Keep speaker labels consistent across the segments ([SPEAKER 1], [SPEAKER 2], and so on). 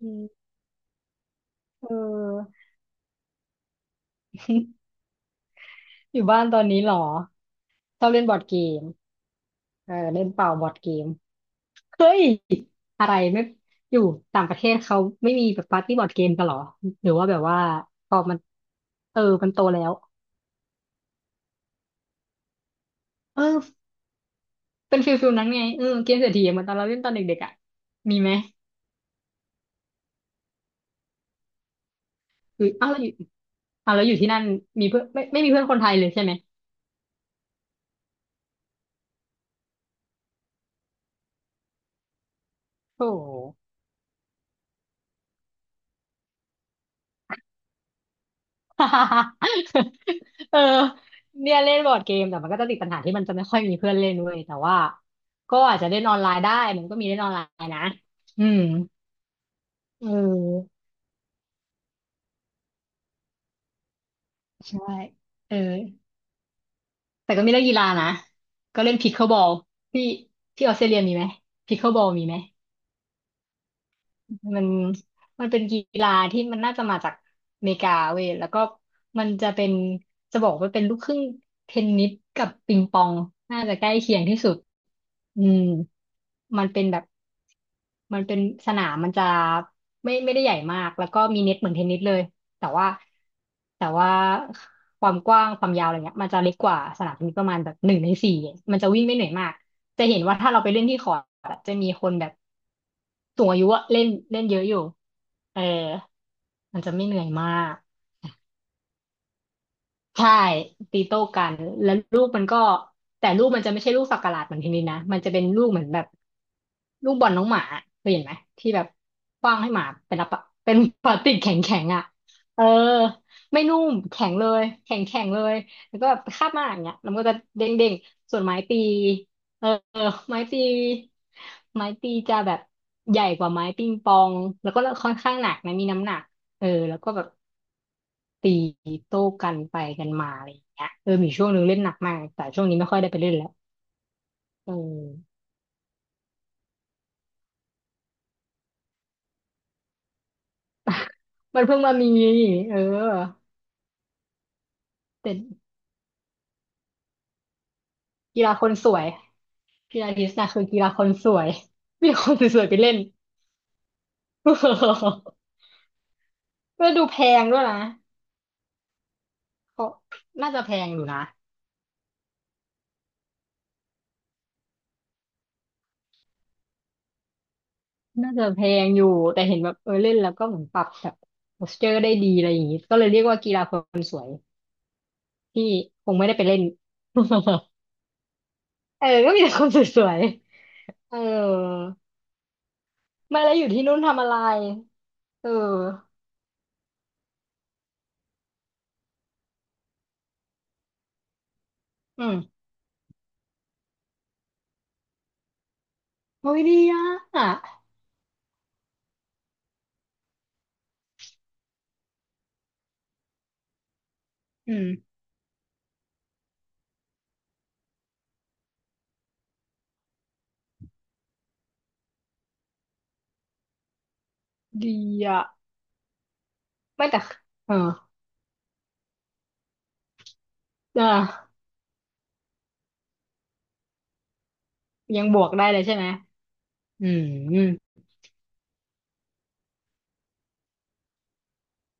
[SPEAKER 1] อืมเอออยู่บ้านตอนนี้เหรอชอบเล่นบอร์ดเกมเออเล่นเป่าบอร์ดเกมเฮ้ยอะไรไม่อยู่ต่างประเทศเขาไม่มีแบบปาร์ตี้บอร์ดเกมกันเหรอหรือว่าแบบว่าพอมันเออมันโตแล้วเออเป็นฟิลฟิลนั้นไงเออเกมเศรษฐีเหมือนตอนเราเล่นตอนเด็กๆอ่ะมีไหมหรืออ้าวแล้วอยู่อ้าวแล้วอยู่ที่นั่นมีเพื่อนไม่ไม่มีเพื่อนคนไทยเลยใช่ไหมโอ้ เออเนี่ยเล่นบอร์ดเกมแต่ก็จะติดปัญหาที่มันจะไม่ค่อยมีเพื่อนเล่นเว้ยแต่ว่าก็อาจจะเล่นออนไลน์ได้มันก็มีเล่นออนไลน์นะอืมเออใช่เออแต่ก็มีเล่นกีฬานะก็เล่นพิคเคิลบอลที่ที่ออสเตรเลียมีไหมพิคเคิลบอลมีไหมมันมันเป็นกีฬาที่มันน่าจะมาจากอเมริกาเว้ยแล้วก็มันจะเป็นจะบอกว่าเป็นลูกครึ่งเทนนิสกับปิงปองน่าจะใกล้เคียงที่สุด อืมมันเป็นแบบมันเป็นสนามมันจะไม่ได้ใหญ่มากแล้วก็มีเน็ตเหมือนเทนนิสเลยแต่ว่าแต่ว่าความกว้างความยาวอะไรเงี้ยมันจะเล็กกว่าสนามเทนนิสประมาณแบบหนึ่งในสี่มันจะวิ่งไม่เหนื่อยมากจะเห็นว่าถ้าเราไปเล่นที่คอร์ตอะจะมีคนแบบสูงอายุอะเล่นเล่นเยอะอยู่เออมันจะไม่เหนื่อยมาก ใช่ตีโต้กันแล้วลูกมันก็แต่ลูกมันจะไม่ใช่ลูกสักหลาดเหมือนทีนี้นะมันจะเป็นลูกเหมือนแบบลูกบอลน้องหมาเคยเห็นไหมที่แบบขว้างให้หมาเป็นอะเป็นพลาสติกแข็งแข็งอ่ะเออไม่นุ่มแข็งเลยแข็งแข็งเลยแล้วก็แบบคาบมาอย่างเงี้ยแล้วมันก็จะเด้งเด้งส่วนไม้ตีเออไม้ตีไม้ตีจะแบบใหญ่กว่าไม้ปิงปองแล้วก็ค่อนข้างหนักนะมีน้ำหนักเออแล้วก็แบบ ตีโต้กันไปกันมาอะไรอย่างเงี้ยเออมีช่วงหนึ่งเล่นหนักมากแต่ช่วงนี้ไม่ค่อยได้ไปเล่นแล้วเออ มันเพิ่งมามีเออแต่กีฬาคนสวยกีฬาทิสนะคือกีฬาคนสวย มีคนสวยๆไปเล่น ก็ดูแพงด้วยนะเขาน่าจะแพงอยู่นะน่าจะแพงอยู่แต่เห็นแบบเออเล่นแล้วก็เหมือนปรับแบบโพสเจอร์ได้ดีอะไรอย่างงี้ก็เลยเรียกว่ากีฬาคนสวยที่คงไม่ได้ไปเล่น เออก็มีแต่คนสวย เออไม่แล้วอยู่ที่นู่นทำอะไรเอออืมโอ้ยดีอ่ะอืมดีอ่ะไม่แต่เอออ่ะยังบวกได้เลยใช่ไหมอืม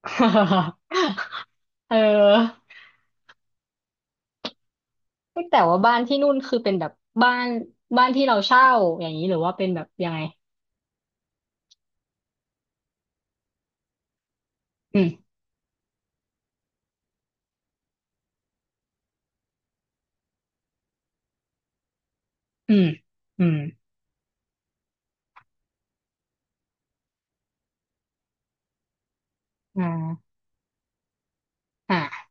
[SPEAKER 1] เออแต่ว่าบ้านที่นู่นคือเป็นแบบบ้านบ้านที่เราเช่าอย่างนี้หรือว่าเป็นแบบยังไงอืมอืมอืมอ่าอ่า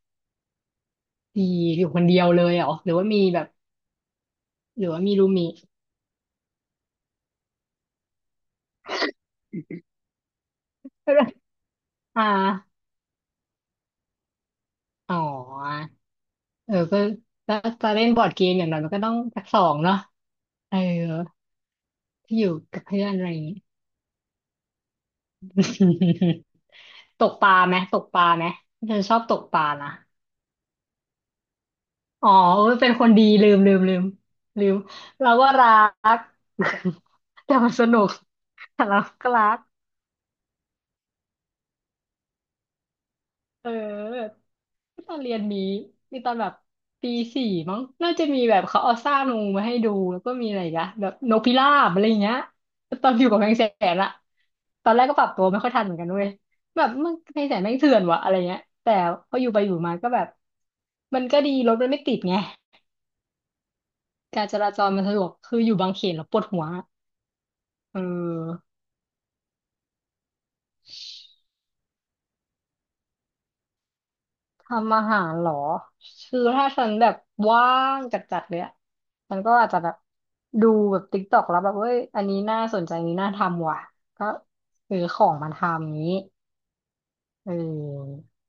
[SPEAKER 1] ดีอยู่คนเดียวเลยเหรอหรือว่ามีแบบหรือว่ามีรูมมท อ่าอ๋อ เออก็ถ้าจะเล่นบอร์ดเกมอย่างน้อยมันก็ต้องสักสองเนาะเออที่อยู่กับเพื่อนอะไรอย่างงี้ ตกปลาไหมตกปลาไหมฉันชอบตกปลานะอ๋อเออเป็นคนดีลืมเราก็รัก แต่มันสนุกแต่เราก็รัก เออตอนเรียนนี้มีตอนแบบปีสี่มั้งน่าจะมีแบบเขาเอาซากงูมาให้ดูแล้วก็มีอะไรอีกอะแบบนกพิราบอะไรอย่างเงี้ยตอนอยู่กับแมงแสนอะตอนแรกก็ปรับตัวไม่ค่อยทันเหมือนกันเว้ยแบบมันแมงแสนแม่งเถื่อนวะอะไรเงี้ยแต่พออยู่ไปอยู่มาก็แบบมันก็ดีรถมันไม่ติดไงการจราจรมันสะดวกคืออยู่บางเขนแล้วปวดหัวเออ ทำอาหารเหรอคือถ้าฉันแบบว่างจัดๆเลยอะฉันก็อาจจะแบบดูแบบติ๊กต็อกแล้วแบบ เฮ้ย อันนี้น่าสนใจอันนี้น่าทำว่ะ ก็ซื้อของมาทำนี้เออ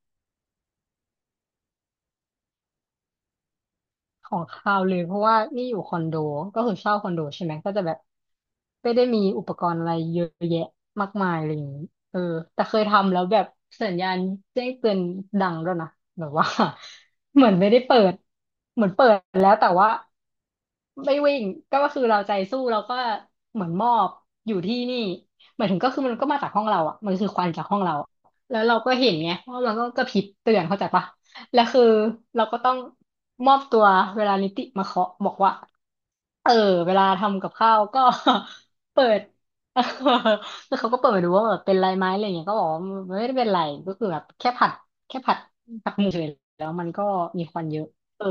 [SPEAKER 1] ของคาวเลยเพราะว่านี่อยู่คอนโดก็คือเช่าคอนโดใช่ไหมก็จะแบบไม่ได้มีอุปกรณ์อะไรเยอะแยะมากมายอะไรอย่างนี้เออแต่เคยทำแล้วแบบสัญญาณแจ้งเตือนดังด้วยนะแบบว่า เหมือนไม่ได้เปิดเหมือนเปิดแล้วแต่ว่าไม่วิ่งก็คือเราใจสู้เราก็เหมือนมอบอยู่ที่นี่หมายถึงก็คือมันก็มาจากห้องเราอ่ะมันคือควันจากห้องเราอะแล้วเราก็เห็นไงเพราะเราก็กระพริบเตือนเข้าใจปะ และคือเราก็ต้องมอบตัวเวลานิติมาเคาะบอกว่าเออเวลาทำกับข้าวก็ เปิด แล้วเขาก็เปิดมาดูว่าแบบเป็นไรไหมอะไรอย่างเงี้ยก็บอกว่าไม่ได้เป็นไรก็คือแบบแค่ผัดแค่ผัดผัดหมูเฉยแล้วมันก็มีควันเยอะเออ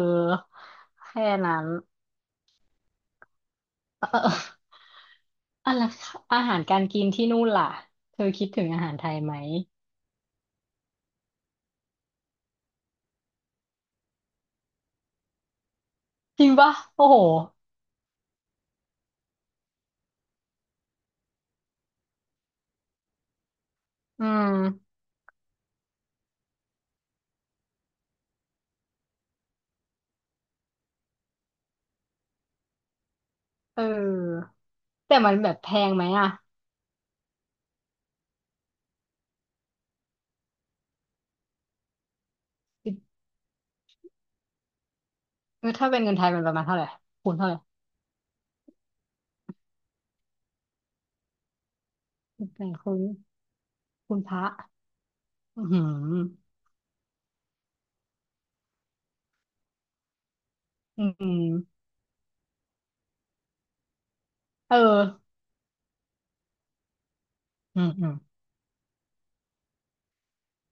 [SPEAKER 1] แค่นั้น เอออะไรอาหารการกินที่นู่นล่ะเธอคิดถึงอาหารไทยไหมจริงปะโอ้โหอืมเออแต่มันแบบแพงไหมอ่ะ เออถ้าเป็นเงินไทยมันประมาณเท่าไหร่คูณเท่าไหร่แต่คูณคูณพระอือหืออืมเอออืมอืม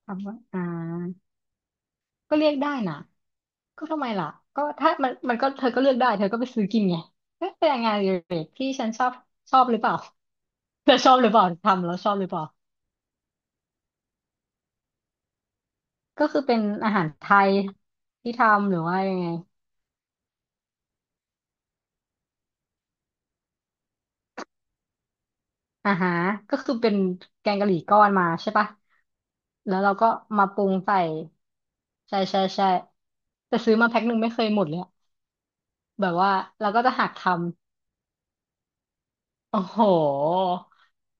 [SPEAKER 1] คำว่าก็เรียกได้นะก็ทำไมล่ะก็ถ้ามันก็เธอก็เลือกได้เธอก็ไปซื้อกินไงเอ๊ะเป็นงานอดิเรกที่ฉันชอบชอบหรือเปล่าเธอชอบหรือเปล่าทำแล้วชอบหรือเปล่าก็คือเป็นอาหารไทยที่ทำหรือว่ายังไง อ่าฮะก็คือเป็นแกงกะหรี่ก้อนมาใช่ปะแล้วเราก็มาปรุงใส่ใช่ใช่ใช่แต่ซื้อมาแพ็คหนึ่งไม่เคยหมดเลยอะแบบว่าเราก็จะหักทำโอ้โห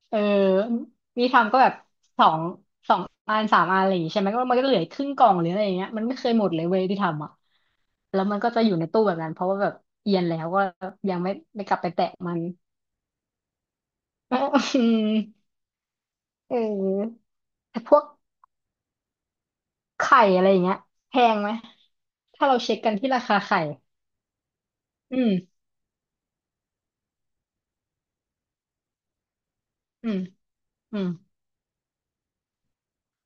[SPEAKER 1] เออนี่ทำก็แบบสองสองอันสามอันอะไรอย่างงี้ใช่ไหมก็มันก็เหลือครึ่งกล่องหรืออะไรอย่างเงี้ยมันไม่เคยหมดเลยเว้ยที่ทำอ่ะแล้วมันก็จะอยู่ในตู้แบบนั้นเพราะว่าแบบเอียนแล้วก็ยังไม่กลับไปแตะมัน เออเออแต่พวก ไข่อะไรอย่างเงี้ยแพงไหมถ้าเราเช็คกันที่ราคาไข่อืมอืมอืม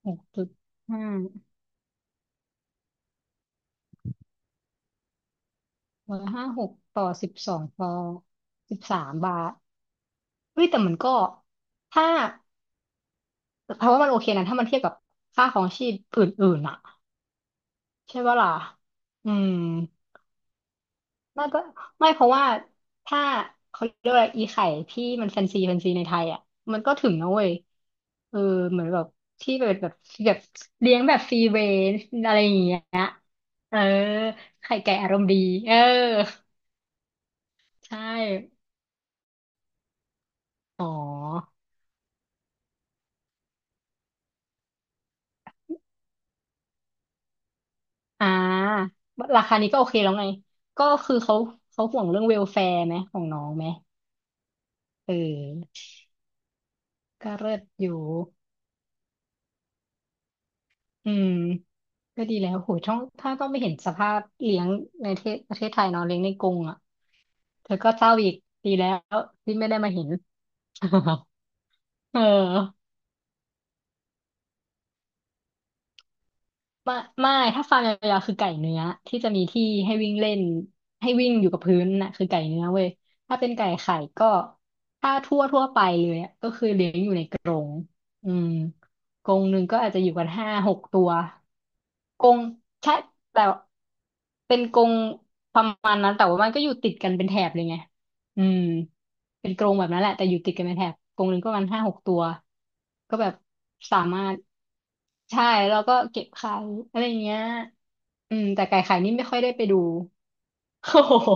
[SPEAKER 1] หกจุดห้าร้อยห้าหกต่อสิบสองต่อสิบสามบาทเฮ้ยแต่มันก็ถ้าเพราะว่ามันโอเคนะถ้ามันเทียบกับค่าของชีพอื่นๆอ่ะใช่ปะล่ะอืม น่าจะไม่เพราะว่าถ้าเขาเรียกว่าอีไข่ที่มันแฟนซีในไทยอ่ะมันก็ถึงนะเว้ยเออเหมือนแบบที่แบบเลี้ยงแบบฟรีเรนจ์อะไรอย่างเงี้ยเออไข่ไก่อารมณ์ดีเออใช่อ๋ออ่าราคานี้ก็โอเคแล้วไงก็คือเขาห่วงเรื่องเวลแฟร์ไหมของน้องไหมเออก็เลิศอยู่ อืมก็ดีแล้วโหยต้องถ้าต้องไม่เห็นสภาพเลี้ยงในประเทศไทยเนาะเลี้ยงในกรงอ่ะเธอก็เศร้าอีกดีแล้วที่ไม่ได้มาเห็น เออไม่ไม่ถ้าฟาร์มยาวๆคือไก่เนื้อที่จะมีที่ให้วิ่งเล่นให้วิ่งอยู่กับพื้นน่ะคือไก่เนื้อเว้ยถ้าเป็นไก่ไข่ก็ถ้าทั่วไปเลยอะก็คือเลี้ยงอยู่ใน อืมกรงหนึ่งก็อาจจะอยู่กันห้าหกตัวกรงใช่แต่เป็นกรงประมาณนั้นแต่ว่ามันก็อยู่ติดกันเป็นแถบเลยไงอืมเป็นกรงแบบนั้นแหละแต่อยู่ติดกันเป็นแถบกรงหนึ่งก็ประมาณห้าหกตัวก็แบบสามารถใช่แล้วก็เก็บไข่อะไรเงี้ยอืมแต่ไก่ไข่นี่ไม่ค่อยได้ไปดู โอ้โห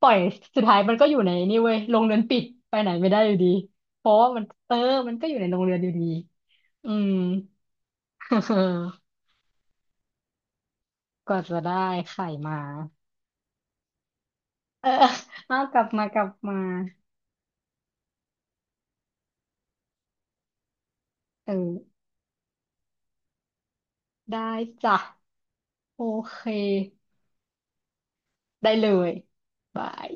[SPEAKER 1] ปล่อยสุดท้ายมันก็อยู่ในนี่เว้ยลงเรือนปิดไปไหนไม่ได้อยู่ดี เพราะว่ามันเออมันก็อยู่ในโรงเรียนอยู่ดี อืม กว่าจะได้ไข่มา เออ เอากลับมา เออได้จ้ะโอเคได้เลยบาย